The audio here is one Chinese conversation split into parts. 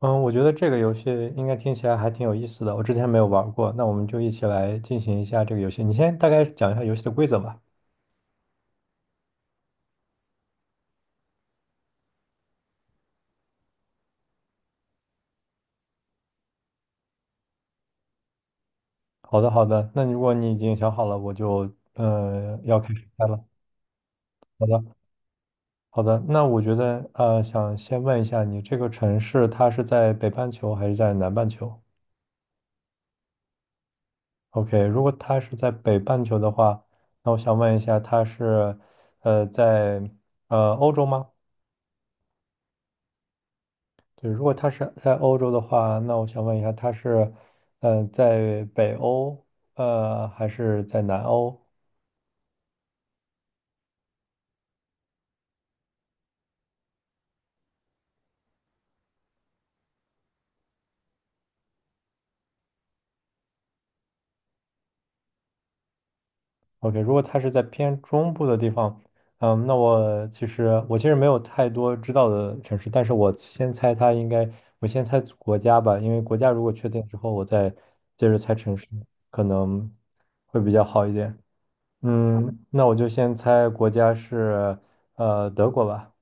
嗯，我觉得这个游戏应该听起来还挺有意思的，我之前没有玩过，那我们就一起来进行一下这个游戏。你先大概讲一下游戏的规则吧。好的，好的。那如果你已经想好了，我就要开始猜了。好的，好的。那我觉得想先问一下你，这个城市它是在北半球还是在南半球？OK，如果它是在北半球的话，那我想问一下，它是呃在呃欧洲吗？对，如果他是在欧洲的话，那我想问一下，他是，嗯、在北欧，呃，还是在南欧？OK，如果他是在偏中部的地方，嗯，那我其实没有太多知道的城市，但是我先猜他应该，我先猜国家吧，因为国家如果确定之后，我再接着猜城市，可能会比较好一点。嗯，那我就先猜国家是，呃，德国吧。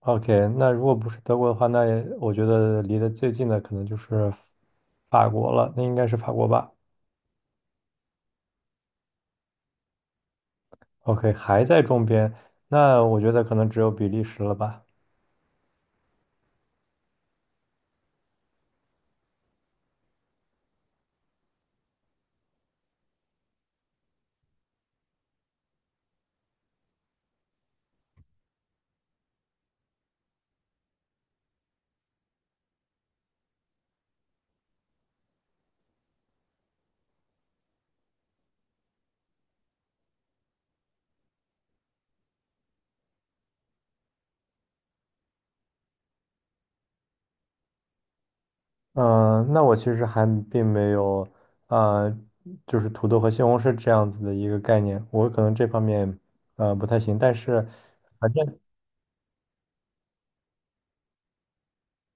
OK，那如果不是德国的话，那也我觉得离得最近的可能就是法国了，那应该是法国吧？OK，还在中边，那我觉得可能只有比利时了吧。嗯，那我其实还并没有，呃，就是土豆和西红柿这样子的一个概念，我可能这方面不太行，但是反正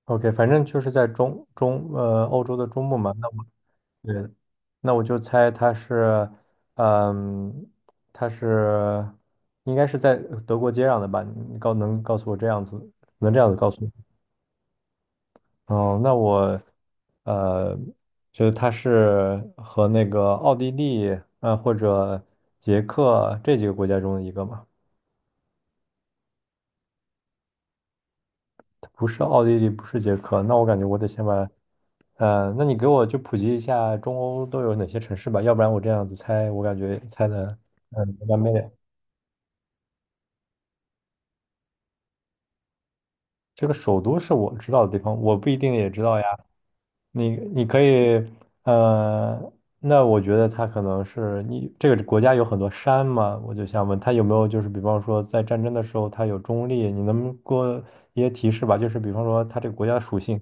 OK，反正就是在中中呃欧洲的中部嘛，那我对，那我就猜它是，嗯，它是应该是在德国接壤的吧？你告诉我这样子，能这样子告诉我？哦，那我呃，就是它是和那个奥地利或者捷克这几个国家中的一个嘛。不是奥地利，不是捷克，那我感觉我得先把，呃，那你给我就普及一下中欧都有哪些城市吧，要不然我这样子猜，我感觉猜的，嗯，完美这个首都是我知道的地方，我不一定也知道呀。你可以，呃，那我觉得它可能是你这个国家有很多山嘛，我就想问它有没有就是比方说在战争的时候它有中立，你能不能给我一些提示吧？就是比方说它这个国家的属性。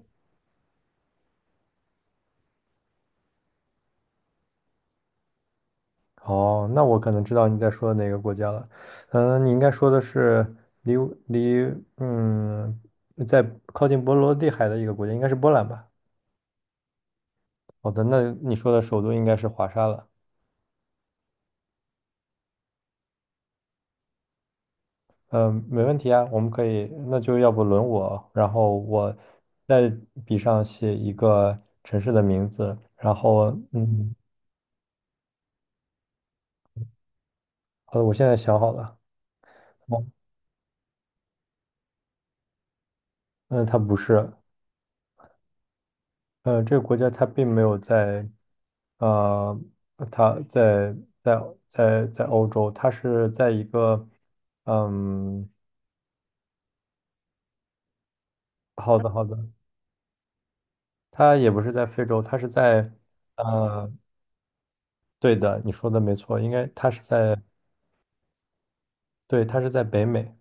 哦，那我可能知道你在说哪个国家了。嗯，你应该说的是离离嗯，在靠近波罗的海的一个国家，应该是波兰吧？好的，那你说的首都应该是华沙了。嗯，没问题啊，我们可以，那就要不轮我，然后我在笔上写一个城市的名字，然后嗯，好的，我现在想好了。嗯，嗯它不是，嗯，这个国家它并没有在呃，他在在在欧洲，他是在一个，嗯，好的好的，他也不是在非洲，他是在，呃，对的，你说的没错，应该他是在，对，他是在北美，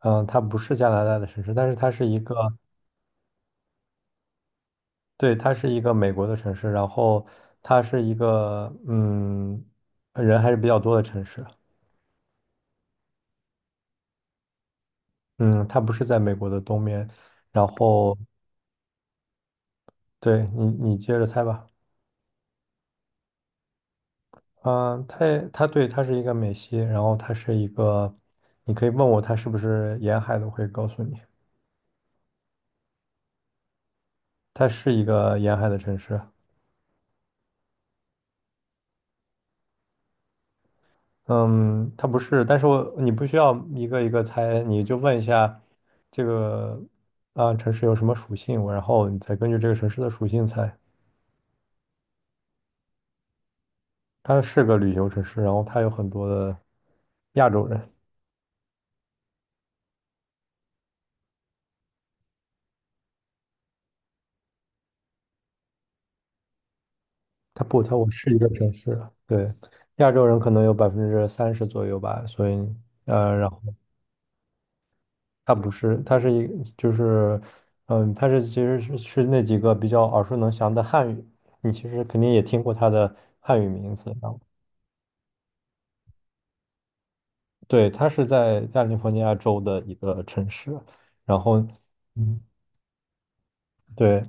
嗯，他不是加拿大的城市，但是它是一个，对，它是一个美国的城市，然后它是一个，嗯，人还是比较多的城市，嗯，它不是在美国的东面，然后，对你接着猜吧。嗯，它对，它是一个美西，然后它是一个，你可以问我它是不是沿海的，我会告诉你，它是一个沿海的城市。嗯，它不是，但是我你不需要一个猜，你就问一下这个、啊、城市有什么属性，我然后你再根据这个城市的属性猜。它是个旅游城市，然后它有很多的亚洲人。它不，它我是一个城市，对，亚洲人可能有百分之三十左右吧，所以然后。它不是，它是一就是，嗯，它其实是那几个比较耳熟能详的汉语，你其实肯定也听过它的汉语名字啊。然后对，它是在加利福尼亚州的一个城市，然后，嗯，对，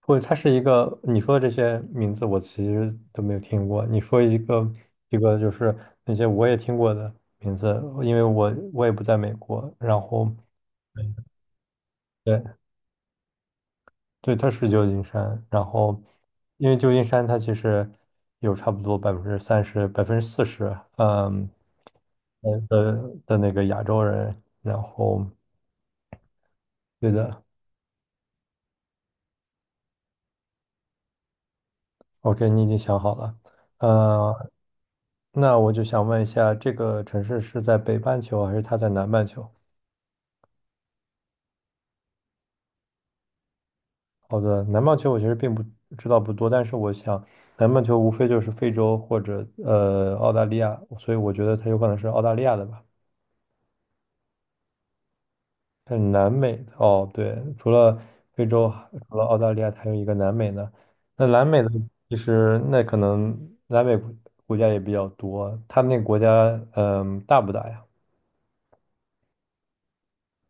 或者它是一个你说的这些名字我其实都没有听过。你说一个一个就是那些我也听过的名字，因为我也不在美国，然后。对。对，它是旧金山，然后因为旧金山它其实有差不多百分之三十、40%，嗯，呃的的那个亚洲人，然后对的，OK，你已经想好了，呃，那我就想问一下，这个城市是在北半球还是它在南半球？好的，南半球我其实并不知道不多，但是我想南半球无非就是非洲或者澳大利亚，所以我觉得它有可能是澳大利亚的吧。但是南美哦，对，除了非洲，除了澳大利亚，还有一个南美呢。那南美呢，其实那可能南美家也比较多。他们那个国家，嗯，大不大呀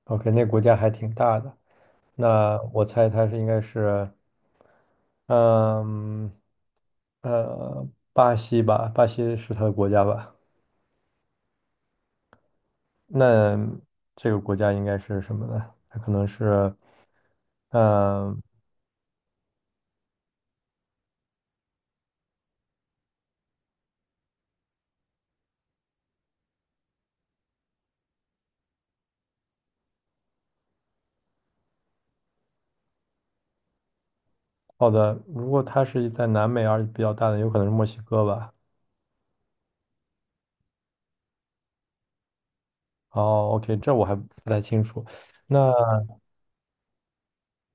？OK，那个国家还挺大的。那我猜它是应该是，嗯，呃，巴西吧，巴西是它的国家吧？那这个国家应该是什么呢？它可能是，嗯、好的，如果它是在南美而且比较大的，有可能是墨西哥吧。哦，OK，这我还不太清楚。那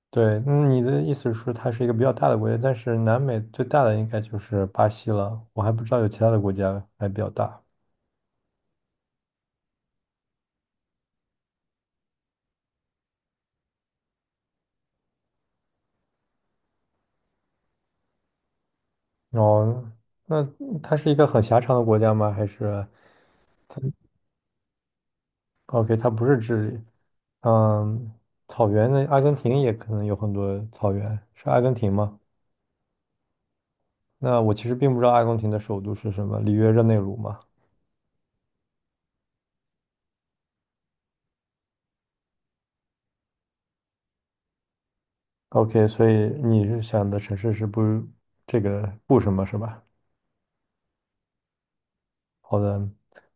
对，嗯你的意思是它是一个比较大的国家，但是南美最大的应该就是巴西了。我还不知道有其他的国家还比较大。哦，那它是一个很狭长的国家吗？还是它？OK，它不是智利。嗯，草原的阿根廷也可能有很多草原，是阿根廷吗？那我其实并不知道阿根廷的首都是什么，里约热内卢吗？OK，所以你是想的城市是不这个不什么是吧？好的，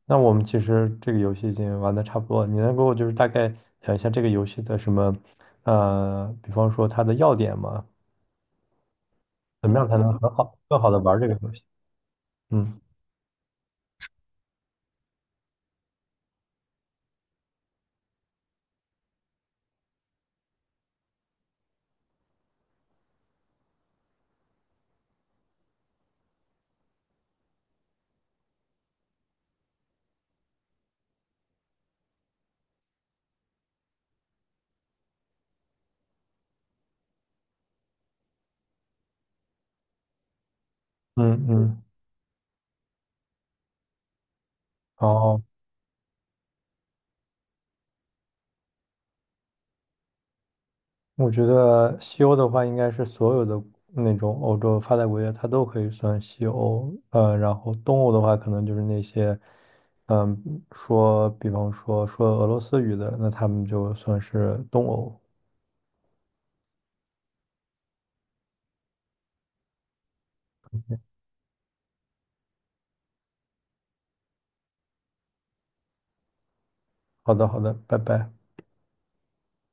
那我们其实这个游戏已经玩的差不多了，你能给我就是大概讲一下这个游戏的什么，呃，比方说它的要点吗？怎么样才能很好更好的玩这个游戏？嗯嗯嗯，好。我觉得西欧的话，应该是所有的那种欧洲发达国家，它都可以算西欧。呃，然后东欧的话，可能就是那些，嗯，说，比方说说俄罗斯语的，那他们就算是东欧。好的，好的，拜拜。